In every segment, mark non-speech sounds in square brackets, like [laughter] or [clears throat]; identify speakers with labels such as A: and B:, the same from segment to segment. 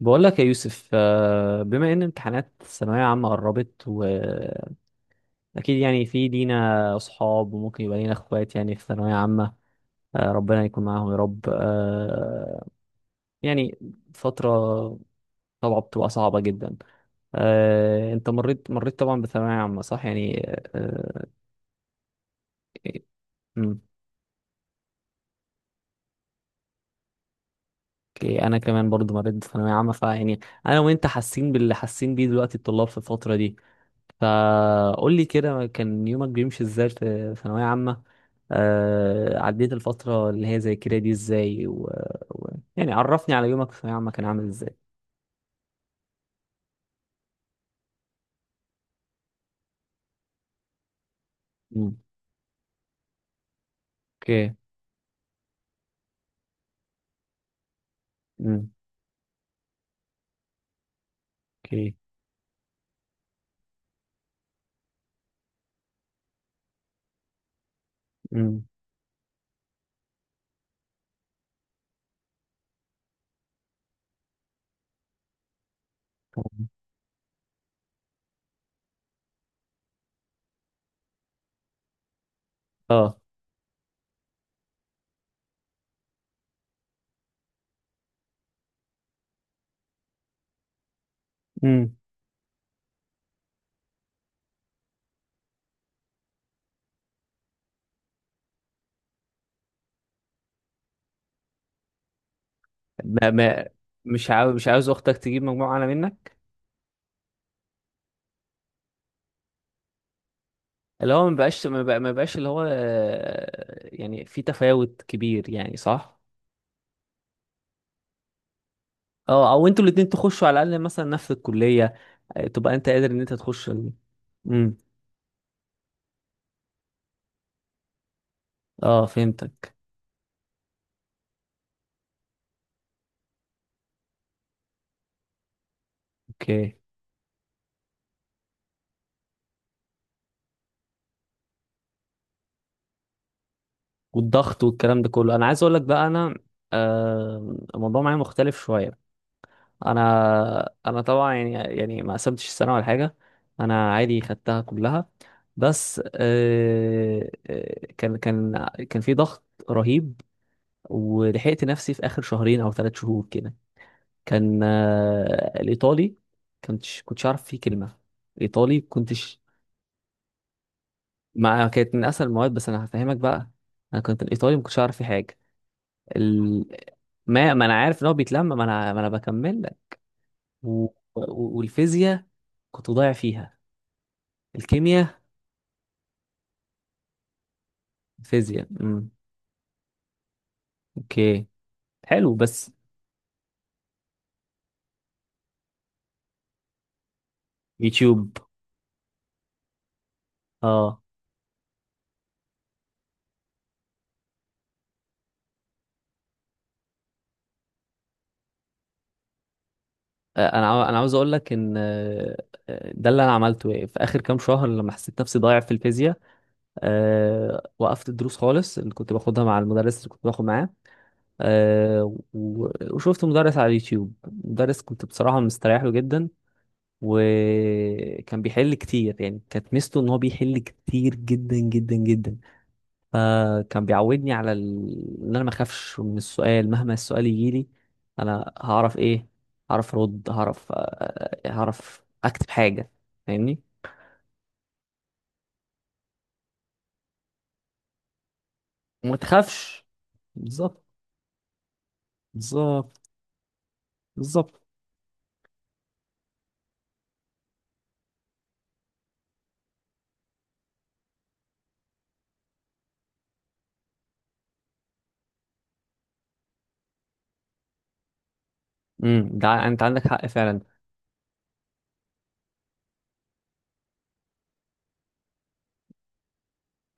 A: بقول لك يا يوسف، بما ان امتحانات الثانويه عامه قربت، واكيد يعني في لينا اصحاب، وممكن يبقى لينا اخوات يعني في ثانويه عامه. ربنا يكون معاهم يا رب. يعني فتره طبعا بتبقى صعبه جدا. انت مريت طبعا بثانويه عامه، صح يعني؟ آه، مم. اوكي، انا كمان برضو مريت بثانويه عامه، فيعني انا وانت حاسين باللي حاسين بيه دلوقتي الطلاب في الفتره دي. فقول لي كده، كان يومك بيمشي ازاي في ثانوية عامة؟ عديت الفترة اللي هي زي كده دي ازاي و... يعني عرفني على يومك في ثانوية عامة كان عامل ازاي. مم. اوكي. مم. اوكي. مم. تمام. اه. مم. ما ما مش عاوز اختك تجيب مجموعة اعلى منك. اللي هو ما بقاش، ما بقاش اللي هو يعني في تفاوت كبير، يعني صح. اه، او انتوا الاتنين تخشوا على الاقل مثلا نفس الكلية. تبقى انت قادر ان انت تخش مم. اه فهمتك. اوكي. والضغط والكلام ده كله، انا عايز اقول لك بقى انا. الموضوع معايا مختلف شويه. انا طبعا يعني ما قسمتش السنه ولا حاجه. انا عادي خدتها كلها. بس كان في ضغط رهيب، ولحقت نفسي في اخر شهرين او ثلاث شهور كده. كان الايطالي، كنتش عارف فيه كلمه. ايطالي كنتش مع كانت من اسهل المواد، بس انا هفهمك بقى. انا كنت الايطالي ما كنتش عارف فيه حاجه. ال... ما ما انا عارف ان هو بيتلم، ما انا بكمل لك. و... والفيزياء كنت ضايع فيها. الكيمياء، الفيزياء. امم. اوكي. حلو، بس. يوتيوب. اه. انا عاوز اقول لك ان ده اللي انا عملته، يعني في اخر كام شهر لما حسيت نفسي ضايع في الفيزياء. وقفت الدروس خالص اللي كنت باخدها مع المدرس اللي كنت باخد معاه، وشفت مدرس على اليوتيوب. مدرس كنت بصراحة مستريح له جدا، وكان بيحل كتير، يعني كانت ميزته ان هو بيحل كتير جدا جدا جدا. فكان بيعودني على ان انا ما اخافش من السؤال، مهما السؤال يجيلي انا هعرف ايه، هعرف ارد، هعرف هعرف اكتب حاجه، فاهمني. وما تخافش. بالظبط. بالظبط. بالظبط. امم، ده انت عندك حق فعلا.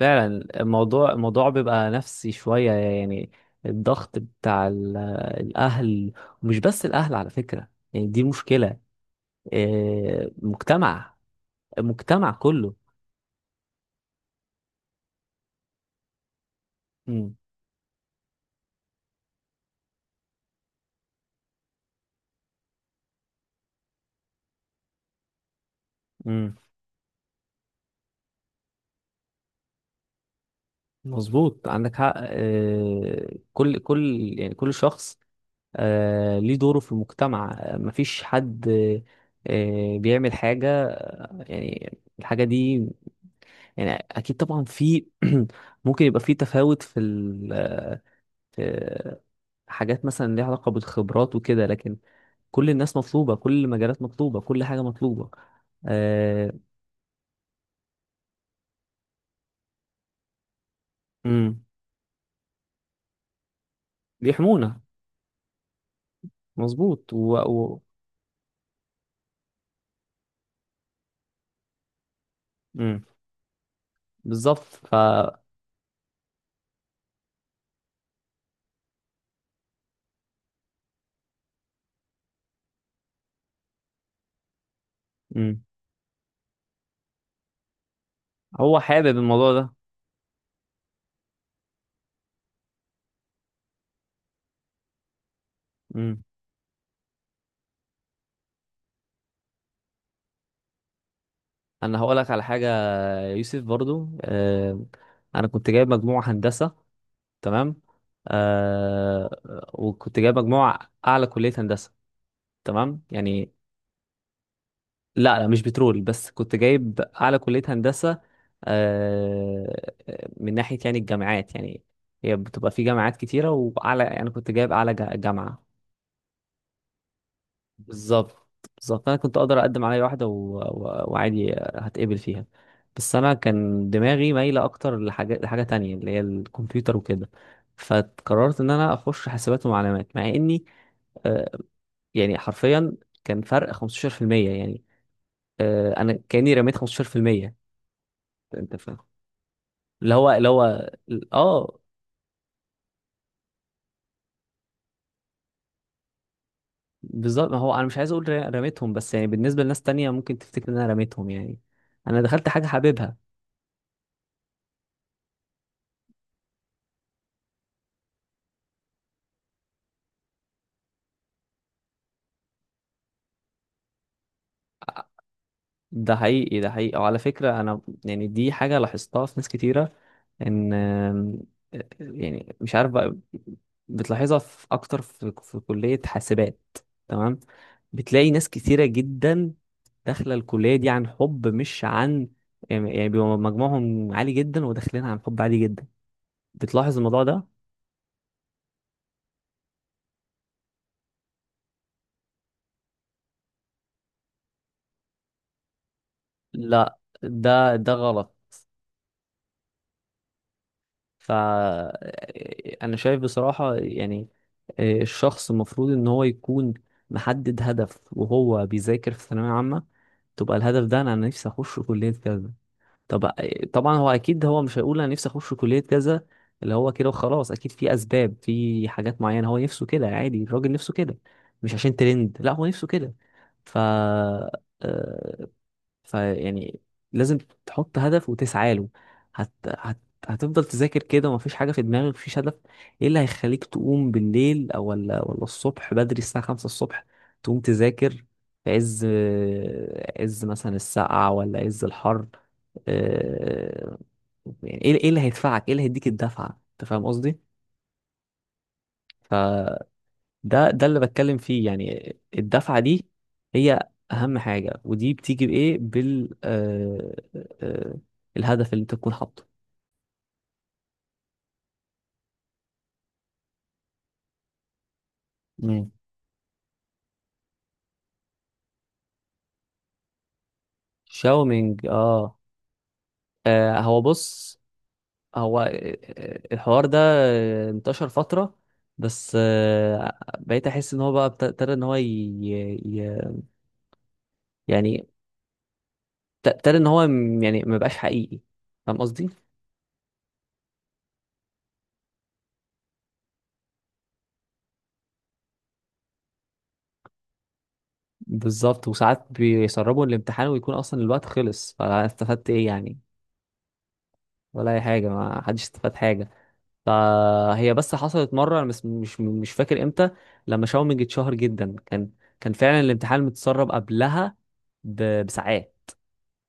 A: فعلا الموضوع بيبقى نفسي شوية يعني. الضغط بتاع الأهل. ومش بس الأهل على فكرة، يعني دي مشكلة مجتمع. المجتمع كله. مم. مم. مظبوط، عندك حق. كل كل يعني كل شخص ليه دوره في المجتمع. مفيش حد بيعمل حاجة يعني الحاجة دي. يعني أكيد طبعا في [clears throat] ممكن يبقى في تفاوت في في حاجات مثلا ليها علاقة بالخبرات وكده، لكن كل الناس مطلوبة، كل المجالات مطلوبة، كل حاجة مطلوبة. آه امم. بيحمونا. مظبوط. امم. بالظبط. امم. هو حابب الموضوع ده. امم. انا هقول لك على حاجة يا يوسف برضو. انا كنت جايب مجموعة هندسة، تمام. آه وكنت جايب مجموعة اعلى كلية هندسة، تمام يعني. لا لا، مش بترول، بس كنت جايب اعلى كلية هندسة. آه، من ناحية يعني الجامعات يعني، هي بتبقى في جامعات كتيرة واعلى، يعني كنت جايب اعلى جامعة. بالظبط. بالظبط. انا كنت اقدر اقدم على اي واحدة وعادي هتقبل فيها، بس انا كان دماغي مايلة اكتر لحاجة تانية اللي هي الكمبيوتر وكده. فقررت ان انا اخش حاسبات ومعلومات، مع اني آه، يعني حرفيا كان فرق 15%، يعني انا كاني رميت 15%. انت فاهم؟ اللي هو. اه. بالظبط، ما هو انا مش عايز اقول رميتهم، بس يعني بالنسبه لناس تانية ممكن تفتكر ان انا رميتهم يعني. انا دخلت حاجه حاببها. ده حقيقي، ده حقيقي. وعلى فكره انا يعني دي حاجه لاحظتها في ناس كتيره، ان يعني مش عارف بقى، بتلاحظها في اكتر في كليه حاسبات، تمام. بتلاقي ناس كتيره جدا داخله الكليه دي عن حب، مش عن يعني. بيبقى مجموعهم عالي جدا، وداخلين عن حب عالي جدا. بتلاحظ الموضوع ده. لا، ده غلط. فأنا شايف بصراحة يعني الشخص المفروض إن هو يكون محدد هدف وهو بيذاكر في الثانوية عامة. تبقى الهدف ده أنا نفسي أخش كلية كذا. طب طبعا هو أكيد هو مش هيقول أنا نفسي أخش كلية كذا اللي هو كده وخلاص، أكيد في أسباب، في حاجات معينة هو نفسه كده، عادي الراجل نفسه كده. مش عشان ترند، لا، هو نفسه كده. ف آه، فيعني لازم تحط هدف وتسعى له. هت... هت... هتفضل تذاكر كده ومفيش حاجة في دماغك، مفيش هدف. ايه اللي هيخليك تقوم بالليل، او ولا الصبح بدري الساعة خمسة الصبح تقوم تذاكر؟ في عز، مثلا السقعة ولا عز الحر. آه، يعني ايه اللي هيدفعك؟ ايه اللي هيديك الدفعة؟ انت فاهم قصدي؟ ده اللي بتكلم فيه يعني الدفعة دي، هي أهم حاجة. ودي بتيجي بإيه؟ بال آه آه آه، الهدف اللي أنت تكون حاطه. مم. شاومينج. هو بص. هو الحوار ده انتشر فترة. بس بقيت أحس إن هو بقى ابتدى إن هو ي... يعني ابتدى إن هو يعني ما بقاش حقيقي. فاهم قصدي؟ بالظبط. وساعات بيسربوا الامتحان ويكون أصلا الوقت خلص، فاستفدت إيه يعني؟ ولا اي حاجه، ما حدش استفاد حاجه. فهي بس حصلت مره، انا بس مش فاكر امتى. لما شاومينج اتشهر جدا، كان فعلا الامتحان متسرب قبلها بساعات.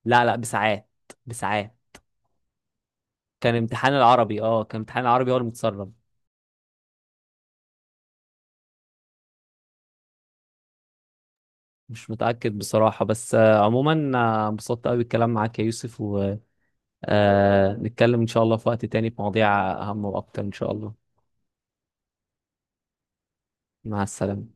A: لا لا، بساعات، بساعات. كان امتحان العربي. اه، كان امتحان العربي هو اللي متسرب. مش متاكد بصراحه، بس عموما انبسطت قوي بالكلام معاك يا يوسف. ونتكلم ان شاء الله في وقت تاني في مواضيع اهم واكتر ان شاء الله. مع السلامه.